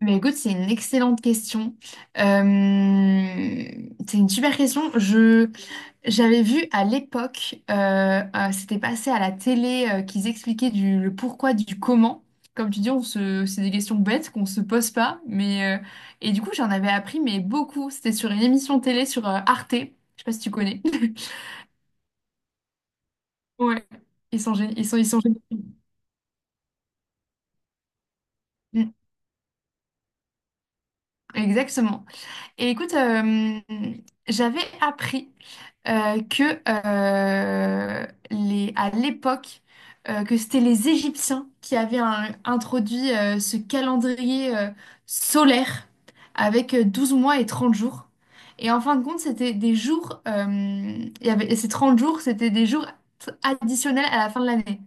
Mais écoute, c'est une excellente question. Euh, c'est une super question. J'avais vu à l'époque, c'était passé à la télé, qu'ils expliquaient le pourquoi du comment. Comme tu dis, c'est des questions bêtes qu'on se pose pas. Et du coup, j'en avais appris, mais beaucoup. C'était sur une émission télé sur Arte. Je sais pas si tu connais. Ouais, ils sont, gé- ils sont géniaux. Mm. Exactement. Et écoute, j'avais appris que à l'époque, que c'était les Égyptiens qui avaient introduit ce calendrier solaire avec 12 mois et 30 jours. Et en fin de compte, c'était des jours, il y avait, et ces 30 jours, c'était des jours additionnels à la fin de l'année.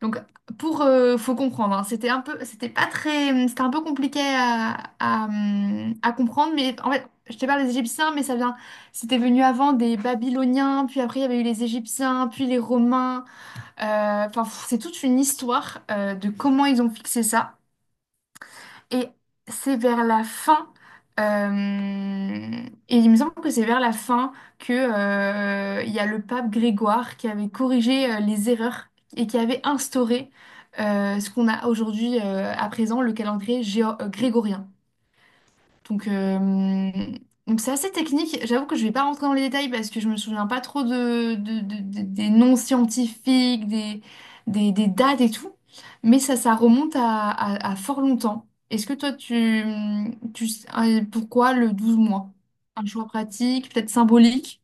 Donc, faut comprendre, hein, c'était un peu, c'était pas très, c'était un peu compliqué à comprendre, mais en fait, je te parle des Égyptiens, c'était venu avant des Babyloniens, puis après il y avait eu les Égyptiens, puis les Romains, enfin, c'est toute une histoire, de comment ils ont fixé ça. Et c'est vers la fin, euh, et il me semble que c'est vers la fin que, il y a le pape Grégoire qui avait corrigé les erreurs et qui avait instauré ce qu'on a aujourd'hui à présent, le calendrier grégorien. Donc, euh, donc, c'est assez technique. J'avoue que je vais pas rentrer dans les détails parce que je me souviens pas trop des noms scientifiques, des dates et tout. Mais ça remonte à fort longtemps. Est-ce que toi, tu sais pourquoi le 12 mois? Un choix pratique, peut-être symbolique?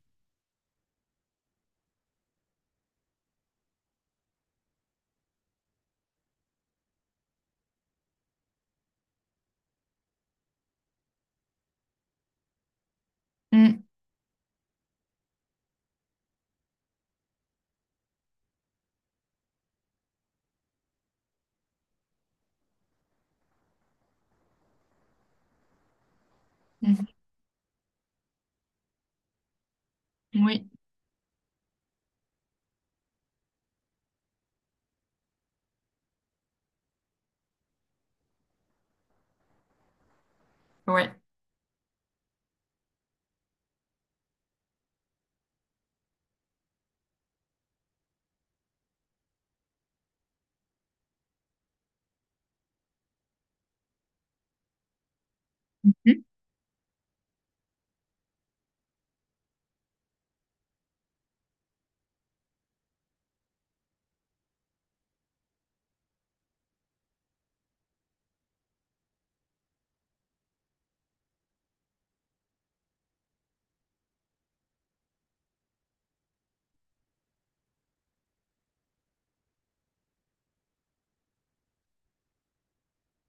Mm, mm. Oui, ouais. Mm.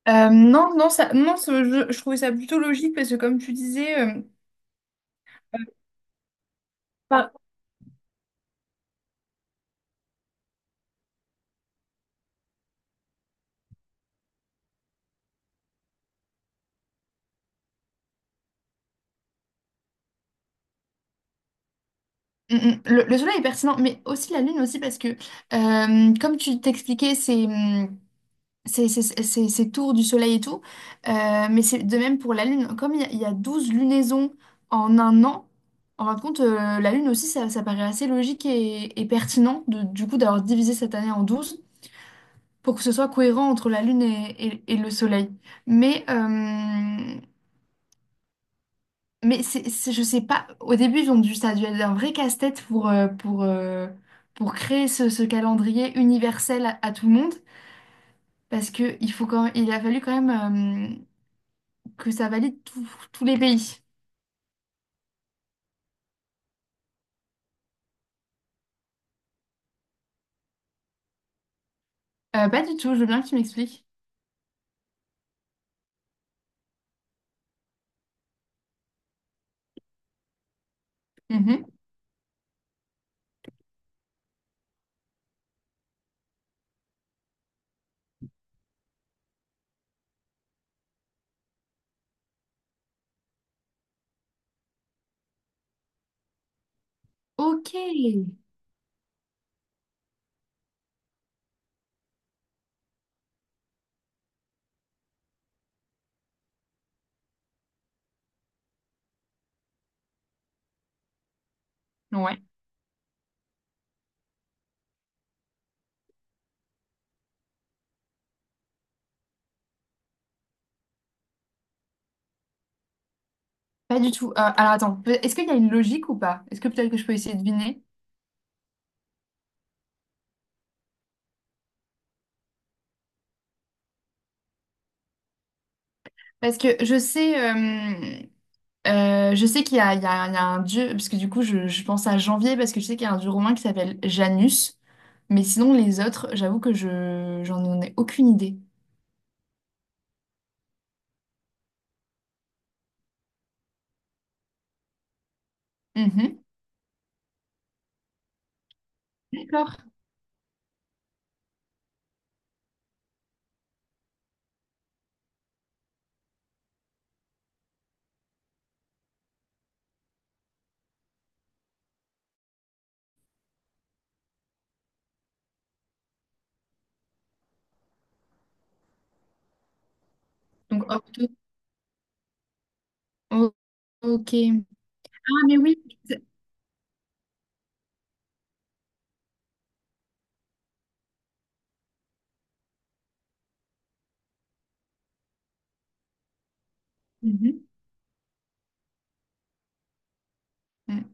Non, non, ça, non, je trouvais ça plutôt logique parce que comme tu disais, Mm, mm. Le soleil est pertinent, mais aussi la lune aussi parce que, comme tu t'expliquais, ces tours du soleil et tout, mais c'est de même pour la lune. Comme il y a 12 lunaisons en un an, en fin de compte, la lune aussi, ça paraît assez logique et pertinent du coup d'avoir divisé cette année en 12 pour que ce soit cohérent entre la lune et le soleil. Mais, euh, Mais je sais pas, au début, ils ont dû, ça a dû être un vrai casse-tête pour créer ce calendrier universel à tout le monde, parce que il a fallu quand même que ça valide tous les pays. Pas du tout, je veux bien que tu m'expliques. Mhm. Ok. Ouais. Pas du tout. Alors attends, est-ce qu'il y a une logique ou pas? Est-ce que peut-être que je peux essayer de deviner? Parce que je sais qu'il y a, il y a un dieu, parce que du coup, je pense à janvier, parce que je sais qu'il y a un dieu romain qui s'appelle Janus. Mais sinon, les autres, j'avoue que j'en ai aucune idée. Mhm. D'accord. Donc, o- ok. Ah, mais oui. Mhm. Mm.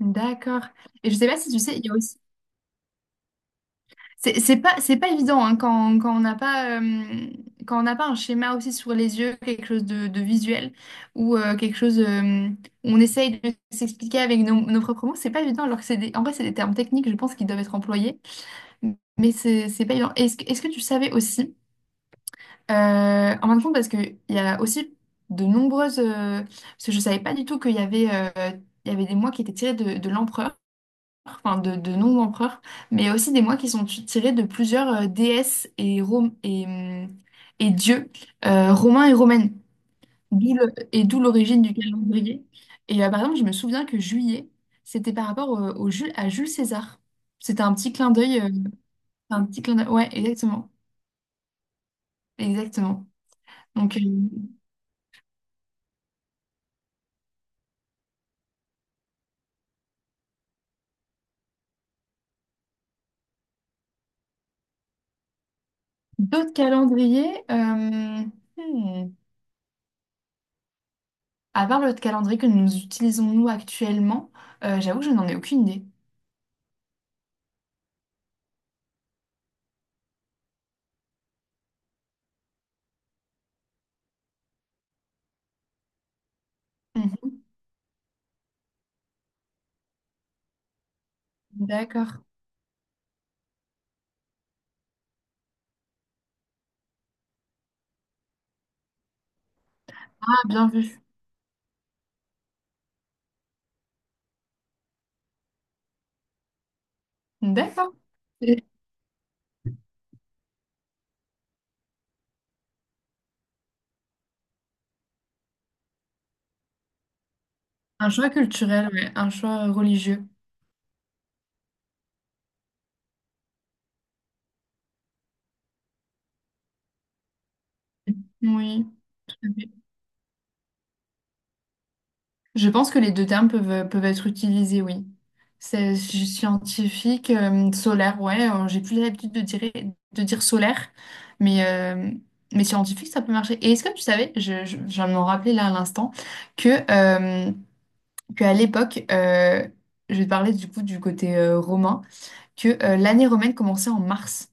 D'accord. Et je sais pas si tu sais, il y a aussi c'est pas évident, hein, quand on n'a pas un schéma aussi sur les yeux, quelque chose de visuel ou quelque chose où on essaye de s'expliquer avec nos, nos propres mots, c'est pas évident. Alors que c'est en vrai, c'est des termes techniques, je pense, qui doivent être employés, mais c'est pas évident. Est-ce que tu savais aussi, en fin de compte, parce qu'il y a aussi de nombreuses. Parce que je savais pas du tout qu'il y avait, des mois qui étaient tirés de l'empereur enfin de noms d'empereurs, mais aussi des mois qui sont tirés de plusieurs déesses et, et dieux romains et romaines, d'où l'origine du calendrier. Et par exemple, je me souviens que juillet, c'était par rapport à Jules César. C'était un petit clin d'œil. Ouais, exactement. Exactement. Donc, euh, d'autres calendriers, hmm, à part le calendrier que nous utilisons nous actuellement, j'avoue que je n'en ai aucune idée. Mhm. D'accord. Bien vu. D'accord. Et- Un choix culturel, ouais, un choix religieux. Oui. Tout à fait. Je pense que les deux termes peuvent être utilisés, oui. C'est scientifique, solaire, ouais. J'ai plus l'habitude de dire solaire, mais, scientifique, ça peut marcher. Et est-ce que tu savais, je viens de m'en rappeler là à l'instant, que, qu'à l'époque, je vais te parler du coup du côté romain, que l'année romaine commençait en mars.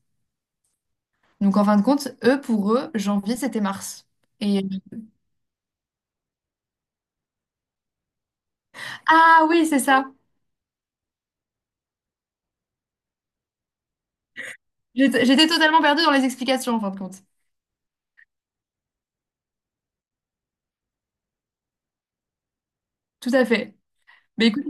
Donc en fin de compte, eux, pour eux, janvier, c'était mars. Et... Ah oui, c'est ça. J'étais totalement perdue dans les explications, en fin de compte. Tout à fait. Mais écoute,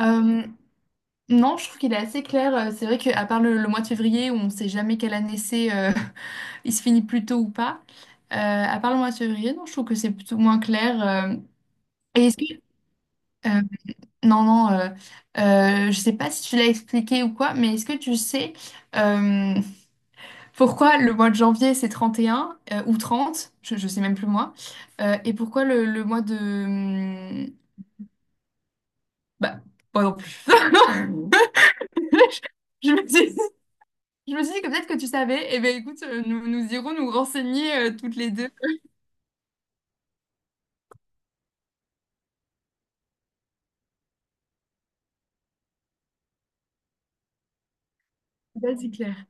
euh, non, je trouve qu'il est assez clair. C'est vrai qu'à part le mois de février, où on ne sait jamais quelle année c'est, il se finit plus tôt ou pas, à part le mois de février, non, je trouve que c'est plutôt moins clair. Et est-ce que... euh, non, non, je sais pas si tu l'as expliqué ou quoi, mais est-ce que tu sais... euh, pourquoi le mois de janvier c'est 31 , ou 30 je sais même plus moi, et pourquoi le mois de... Bah, moi non plus. Je me suis, je me suis dit que peut-être que tu savais, et eh ben écoute, nous irons nous renseigner toutes les deux. Là, c'est clair.